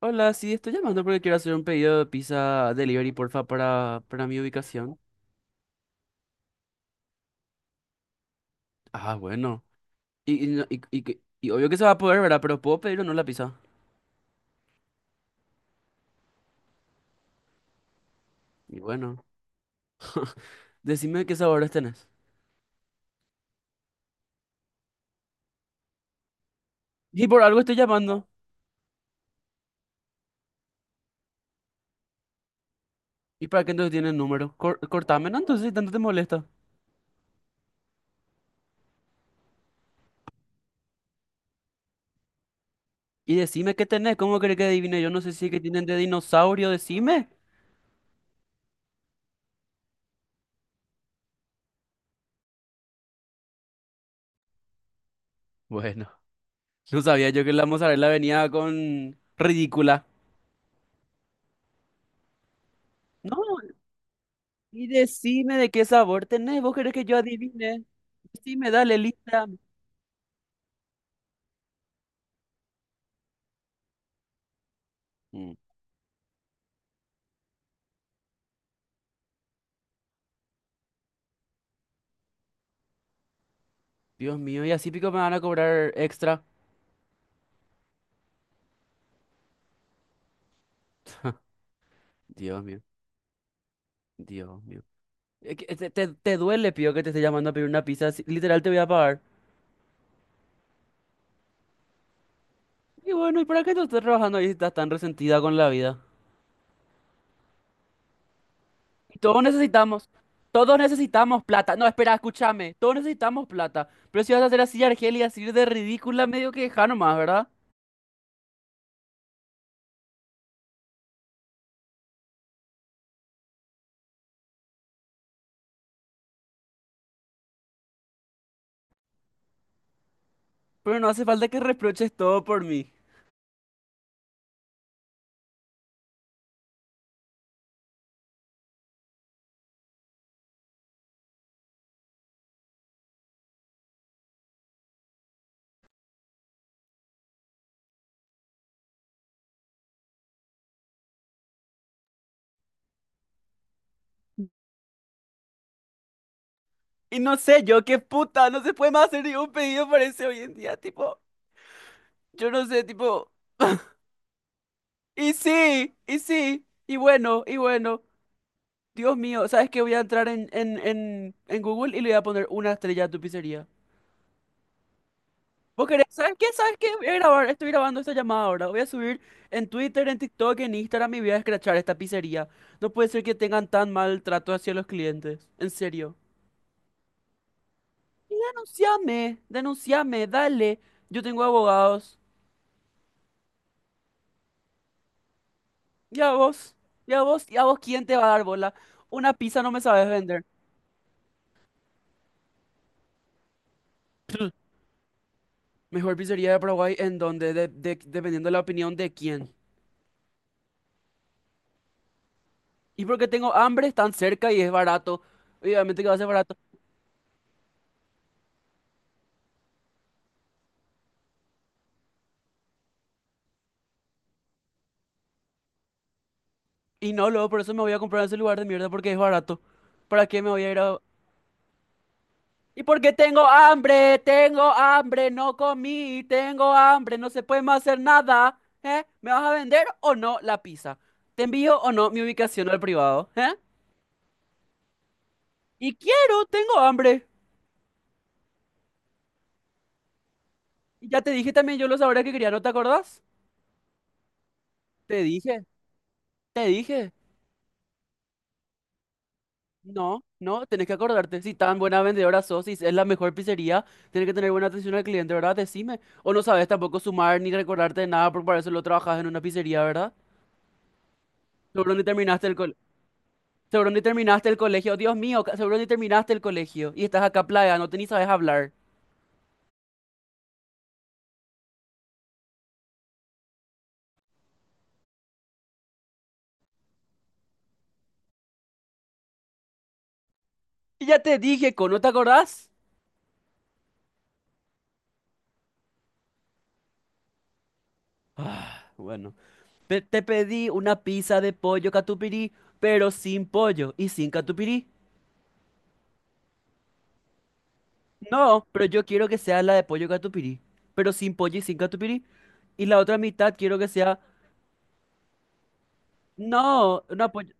Hola, sí, estoy llamando porque quiero hacer un pedido de pizza delivery, porfa, para mi ubicación. Ah, bueno. Y obvio que se va a poder, ¿verdad? Pero ¿puedo pedir o no la pizza? Y bueno, decime qué sabores tenés. Y por algo estoy llamando. ¿Y para qué entonces tienen número? Cortame, ¿no? Entonces, si tanto te molesta. Y decime qué tenés, ¿cómo querés que adivine? Yo no sé si es que tienen de dinosaurio, decime. Bueno, no sabía yo que la mozzarella venía con ridícula. No. Y decime de qué sabor tenés. ¿Vos querés que yo adivine? Decime, dale, lista. Mm, Dios mío, y así pico me van a cobrar extra. Dios mío, Dios mío. Te duele, pío, que te esté llamando a pedir una pizza. Literal, te voy a pagar. Y bueno, ¿y para qué tú estás trabajando ahí si estás tan resentida con la vida? Y todos necesitamos, Todos necesitamos plata. No, espera, escúchame. Todos necesitamos plata. Pero si vas a hacer así, Argelia, así de ridícula, medio que deja nomás, ¿verdad? Pero no hace falta que reproches todo por mí. Y no sé, yo qué puta, no se puede más hacer ningún pedido, parece hoy en día, tipo, yo no sé, tipo, y bueno, Dios mío, ¿sabes qué? Voy a entrar en Google y le voy a poner una estrella a tu pizzería. ¿Vos querés? ¿Sabes qué? ¿Sabes qué? Voy a grabar, estoy grabando esta llamada ahora, voy a subir en Twitter, en TikTok, en Instagram y voy a escrachar esta pizzería. No puede ser que tengan tan mal trato hacia los clientes, en serio. Denunciame, denunciame, dale, yo tengo abogados. Ya vos, ya vos, ¿quién te va a dar bola? Una pizza no me sabes vender. Mejor pizzería de Paraguay, ¿en donde dependiendo de la opinión de quién? Y porque tengo hambre, están cerca y es barato. Obviamente que va a ser barato. Y no, luego por eso me voy a comprar en ese lugar de mierda porque es barato. ¿Para qué me voy a ir a...? Y porque tengo hambre, no comí, tengo hambre, no se puede más hacer nada. ¿Eh? ¿Me vas a vender o no la pizza? ¿Te envío o no mi ubicación al privado? ¿Eh? Y quiero, tengo hambre. Ya te dije también yo los sabores que quería, ¿no te acordás? Te dije, Te dije. No, no, tenés que acordarte. Si tan buena vendedora sos, si es la mejor pizzería, tenés que tener buena atención al cliente, ¿verdad? Decime. O no sabes tampoco sumar ni recordarte de nada, porque para eso lo trabajas en una pizzería, ¿verdad? Seguro ni terminaste el col- Seguro ni terminaste el colegio. Dios mío, seguro ni terminaste el colegio. Y estás acá plagándote ni sabes hablar. Y ya te dije, ¿con no te acordás? Ah, bueno. Te pedí una pizza de pollo catupirí, pero sin pollo y sin catupirí. No, pero yo quiero que sea la de pollo catupirí, pero sin pollo y sin catupirí. Y la otra mitad quiero que sea, no, una pollo.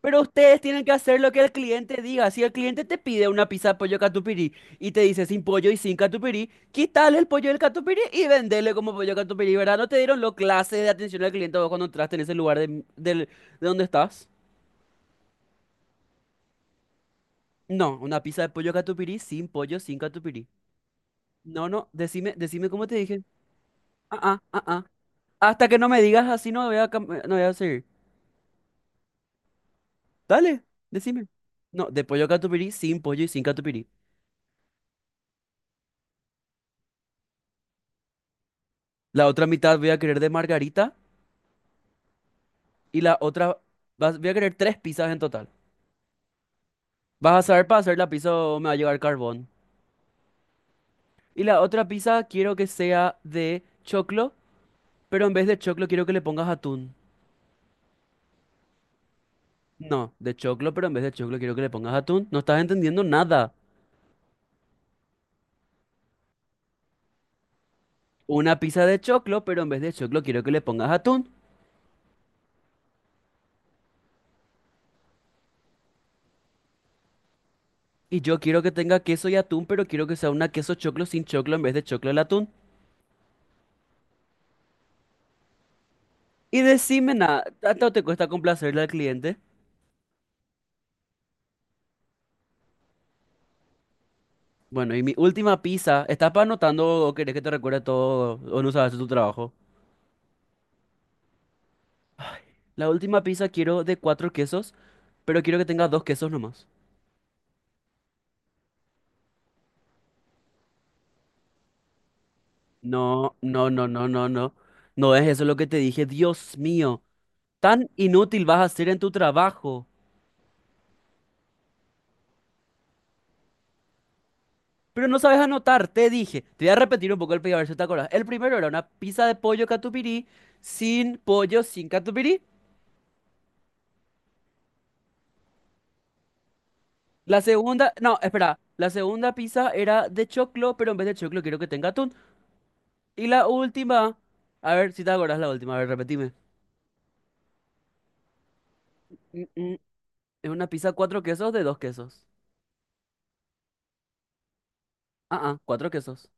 Pero ustedes tienen que hacer lo que el cliente diga. Si el cliente te pide una pizza de pollo catupirí y te dice sin pollo y sin catupirí, quítale el pollo del catupirí y vendele como pollo catupirí, ¿verdad? ¿No te dieron lo clase de atención al cliente vos cuando entraste en ese lugar de donde estás? No, una pizza de pollo catupirí sin pollo, sin catupirí. No, no, decime cómo te dije. Ah, ah, ah, ah. Hasta que no me digas así, no voy a, no voy a seguir. Dale, decime. No, de pollo catupirí, sin pollo y sin catupirí. La otra mitad voy a querer de margarita y la otra... Voy a querer tres pizzas en total. ¿Vas a saber para hacer la pizza o me va a llegar carbón? Y la otra pizza quiero que sea de choclo, pero en vez de choclo quiero que le pongas atún. No, de choclo, pero en vez de choclo quiero que le pongas atún. No estás entendiendo nada. Una pizza de choclo, pero en vez de choclo quiero que le pongas atún. Y yo quiero que tenga queso y atún, pero quiero que sea una queso choclo sin choclo en vez de choclo al atún. Y decime nada, ¿tanto te cuesta complacerle al cliente? Bueno, y mi última pizza, ¿estás pa' anotando o querés que te recuerde todo o no sabes tu trabajo? La última pizza quiero de cuatro quesos, pero quiero que tenga dos quesos nomás. No. No es eso lo que te dije, Dios mío. Tan inútil vas a ser en tu trabajo. Pero no sabes anotar, te dije. Te voy a repetir un poco el pedido a ver si te acordás. El primero era una pizza de pollo catupirí sin pollo, sin catupirí. La segunda, no, espera. La segunda pizza era de choclo, pero en vez de choclo quiero que tenga atún. Y la última, a ver si te acordás la última, a ver, repetime. Mm, mm, Es una pizza cuatro quesos de dos quesos. Ah, ah, cuatro quesos.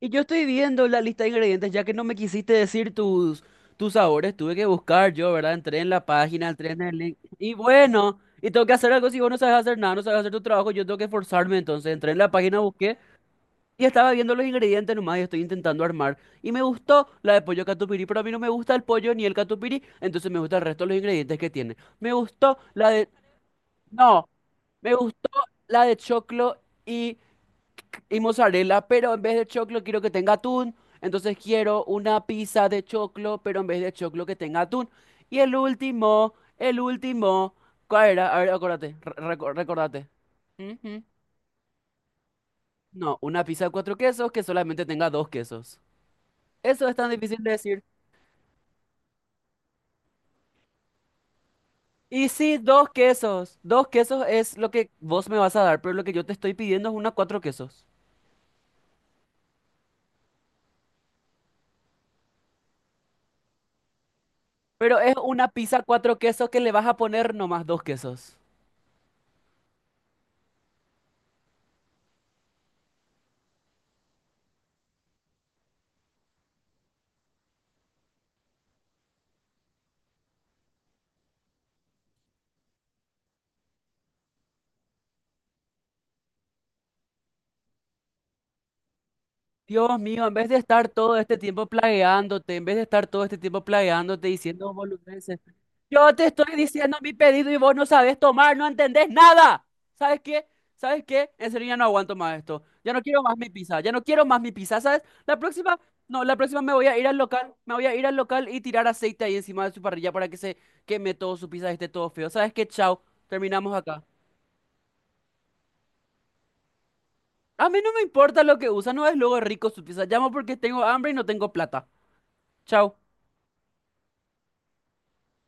Y yo estoy viendo la lista de ingredientes, ya que no me quisiste decir tus sabores, tuve que buscar yo, ¿verdad? Entré en la página, entré en el link. Y bueno, y tengo que hacer algo, si vos no sabes hacer nada, no sabes hacer tu trabajo, yo tengo que esforzarme. Entonces entré en la página, busqué y estaba viendo los ingredientes nomás y estoy intentando armar. Y me gustó la de pollo catupiry, pero a mí no me gusta el pollo ni el catupiry, entonces me gusta el resto de los ingredientes que tiene. Me gustó la de... No, me gustó la de choclo y y mozzarella, pero en vez de choclo quiero que tenga atún. Entonces quiero una pizza de choclo, pero en vez de choclo que tenga atún. El último, ¿cuál era? A ver, acuérdate, recordate. Ujú. No, una pizza de cuatro quesos que solamente tenga dos quesos. Eso es tan difícil de decir. Y sí, dos quesos. Dos quesos es lo que vos me vas a dar, pero lo que yo te estoy pidiendo es una cuatro quesos. Pero es una pizza cuatro quesos que le vas a poner nomás dos quesos. Dios mío, en vez de estar todo este tiempo plagueándote, en vez de estar todo este tiempo plagueándote diciendo boludeces, yo te estoy diciendo mi pedido y vos no sabes tomar, no entendés nada. ¿Sabes qué? ¿Sabes qué? En serio ya no aguanto más esto. Ya no quiero más mi pizza, ¿sabes? La próxima, no, la próxima me voy a ir al local, me voy a ir al local y tirar aceite ahí encima de su parrilla para que se queme todo su pizza y esté todo feo. ¿Sabes qué? Chao, terminamos acá. A mí no me importa lo que usa, no es luego rico su pizza. Llamo porque tengo hambre y no tengo plata. Chao.